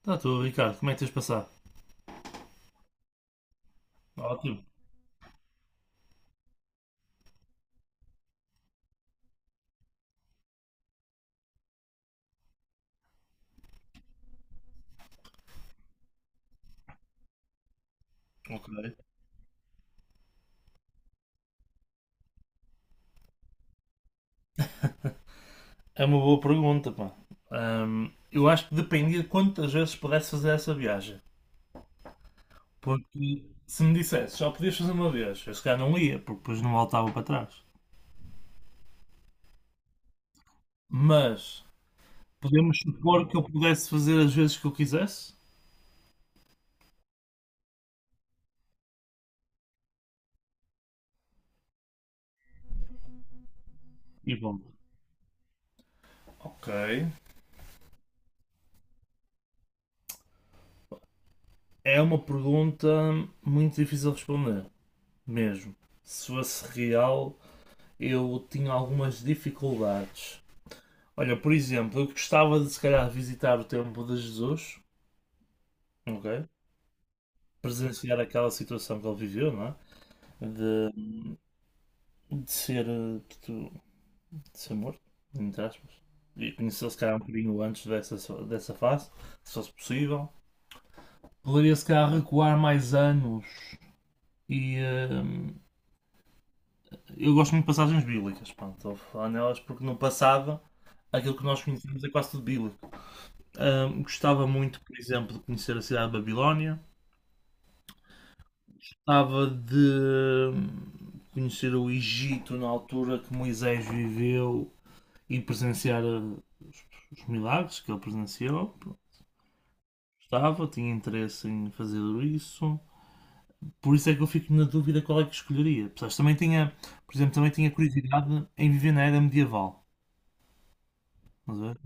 Está tudo, Ricardo. Como é que tens passado? Ótimo. Ok. É uma boa pergunta, pá. Eu acho que dependia de quantas vezes pudesse fazer essa viagem. Porque se me dissesse só podias fazer uma vez, eu se calhar não ia, porque depois não voltava para trás. Mas podemos supor que eu pudesse fazer as vezes que eu quisesse? E bom. Ok. É uma pergunta muito difícil de responder, mesmo. Se fosse real, eu tinha algumas dificuldades. Olha, por exemplo, eu gostava de se calhar visitar o tempo de Jesus, ok? Presenciar aquela situação que ele viveu, não é? De, de ser, de, de ser morto, entre aspas. E conhecer se calhar um bocadinho antes dessa fase, se fosse possível. Poderia se calhar recuar mais anos. E eu gosto muito de passagens bíblicas, pronto, estou a falar nelas porque no passado aquilo que nós conhecemos é quase tudo bíblico. Ah, gostava muito, por exemplo, de conhecer a cidade de Babilónia, gostava de conhecer o Egito na altura que Moisés viveu e presenciar os milagres que ele presenciou. Pronto, gostava, tinha interesse em fazer isso. Por isso é que eu fico na dúvida qual é que escolheria. Apesar de também tinha, por exemplo, também tinha curiosidade em viver na era medieval. Estás a ver?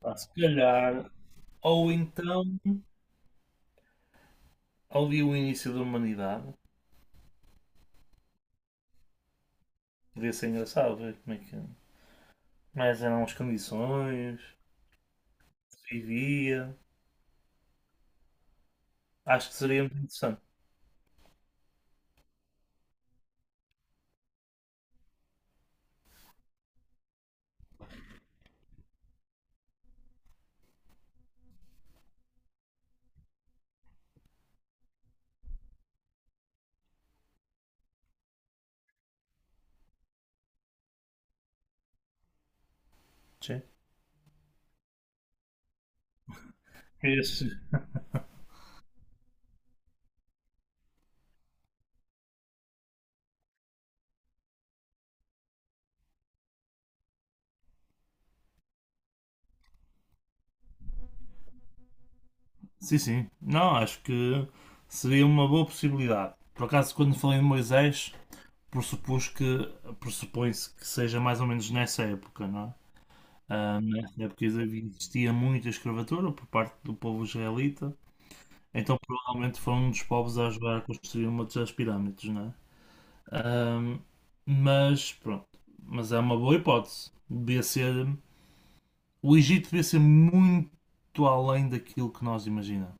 Pá, se calhar, ou então ali o início da humanidade. Podia ser engraçado ver como é que. Mas eram as condições, se vivia. Acho que seria muito interessante. Sim. Esse- Sim, sim. Não, acho que seria uma boa possibilidade. Por acaso, quando falei de Moisés, pressupus que pressupõe-se que seja mais ou menos nessa época, não é? Ah, nessa época existia muita escravatura por parte do povo israelita, então provavelmente foi um dos povos a ajudar a construir uma das pirâmides, não é? Ah, mas pronto, mas é uma boa hipótese. Devia ser O Egito devia ser muito além daquilo que nós imaginamos.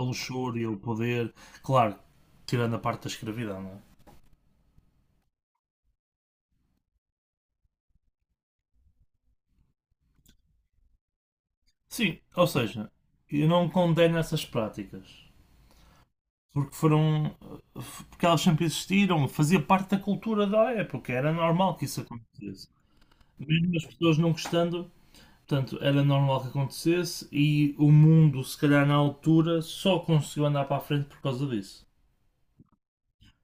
A luxúria, o poder, claro, tirando a parte da escravidão, não é? Sim, ou seja, eu não condeno essas práticas. Porque foram. Porque elas sempre existiram, fazia parte da cultura da época, era normal que isso acontecesse. Mesmo as pessoas não gostando, portanto, era normal que acontecesse e o mundo, se calhar na altura, só conseguiu andar para a frente por causa disso.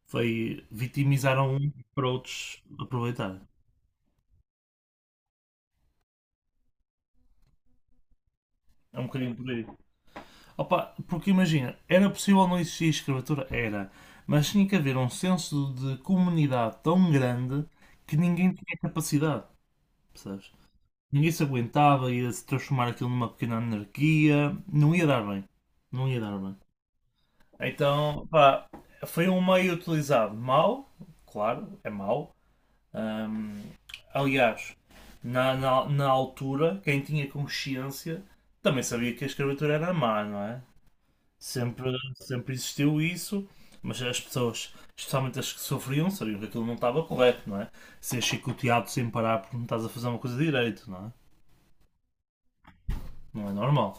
Foi vitimizaram um para outros aproveitarem. É um bocadinho por aí. Opa, porque imagina, era possível não existir escravatura? Era. Mas tinha que haver um senso de comunidade tão grande que ninguém tinha capacidade, percebes? Ninguém se aguentava, ia se transformar aquilo numa pequena anarquia. Não ia dar bem. Não ia dar bem. Então, pá, foi um meio utilizado mal, claro, é mau. Ahm, Aliás, na altura, quem tinha consciência também sabia que a escravatura era má, não é? Sempre, Sempre existiu isso, mas as pessoas, especialmente as que sofriam, sabiam que aquilo não estava correto, não é? Ser chicoteado sem parar porque não estás a fazer uma coisa direito, não é? Não é normal.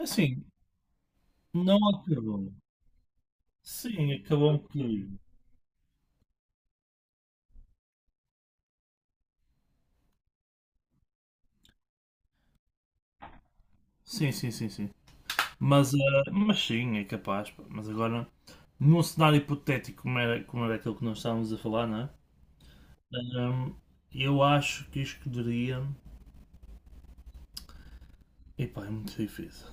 Assim, não acabou. Sim, acabou um bocadinho. Sim, sim, sim, sim. Mas, mas sim, é capaz, pá. Mas agora, num cenário hipotético como era aquele que nós estávamos a falar, não é? Ahm, eu acho que escolheria. Epá, é muito difícil.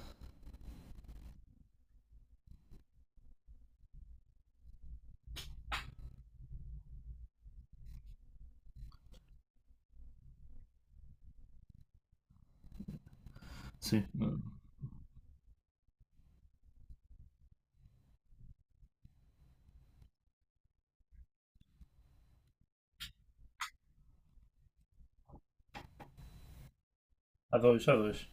Sim. Há dois, há dois.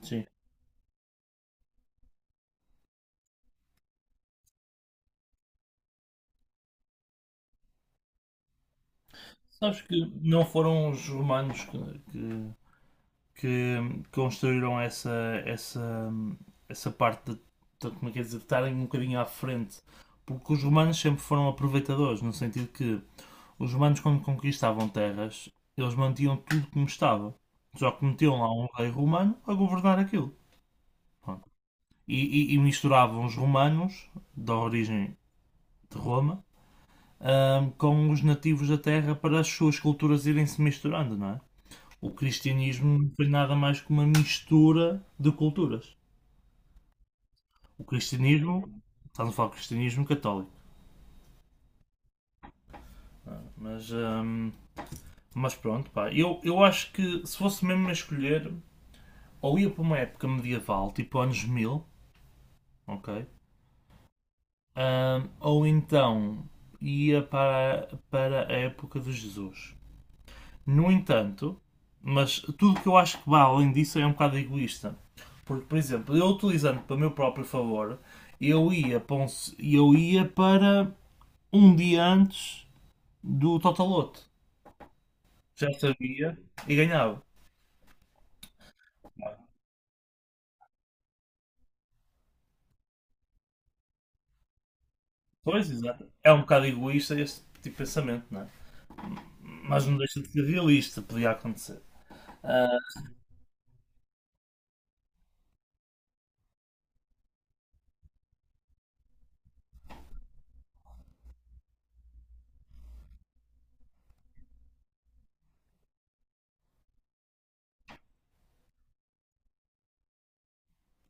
Sim. Sabes que não foram os romanos que construíram essa, essa parte como é que é dizer, de estarem um bocadinho à frente. Porque os romanos sempre foram aproveitadores, no sentido que os romanos, quando conquistavam terras, eles mantinham tudo como estava. Só que metiam lá um rei romano a governar aquilo. Pronto. E misturavam os romanos, da origem de Roma, com os nativos da terra para as suas culturas irem se misturando, não é? O cristianismo não foi nada mais que uma mistura de culturas. O cristianismo, estamos a falar de cristianismo católico, não é? Mas, mas pronto, pá, eu acho que se fosse mesmo a escolher, ou ia para uma época medieval, tipo anos 1000, ok? Ou então ia para a época de Jesus. No entanto, mas tudo que eu acho que vai além disso é um bocado egoísta. Porque, por exemplo, eu utilizando para o meu próprio favor, eu ia para, um, eu ia para um dia antes do Totaloto. Já sabia e ganhava. Pois, exato. É um bocado egoísta este tipo de pensamento, não é? Mas não deixa de ser realista, podia acontecer. Ah,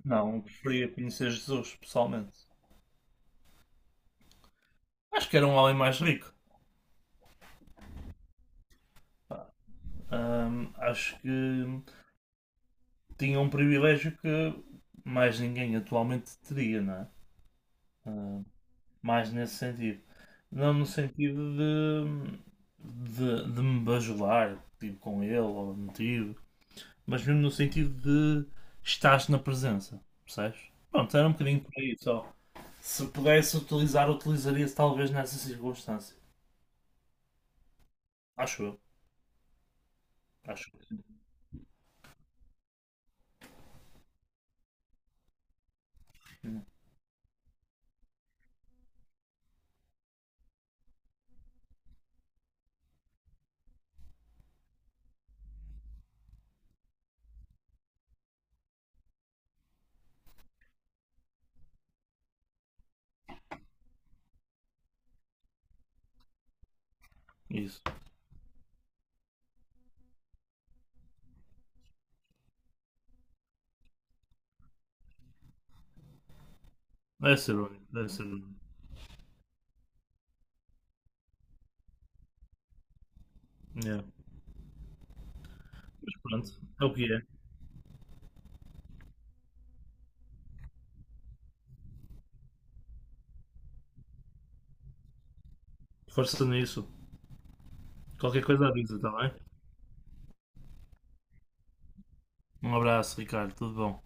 não, eu preferia conhecer Jesus pessoalmente. Acho que era um homem mais rico. Acho que tinha um privilégio que mais ninguém atualmente teria, não é? Ah, mais nesse sentido. Não no sentido de me bajular tipo, com ele ou motivo, mas mesmo no sentido de estás na presença, percebes? Pronto, era um bocadinho por aí só. Se pudesse utilizar, utilizaria-se talvez nessa circunstância. Acho eu. Acho que sim. Isso. Deve ser único. Deve ser único. Yeah. Mas pronto, é o que é. Força nisso. Qualquer coisa avisa, está bem? Um abraço, Ricardo, tudo bom.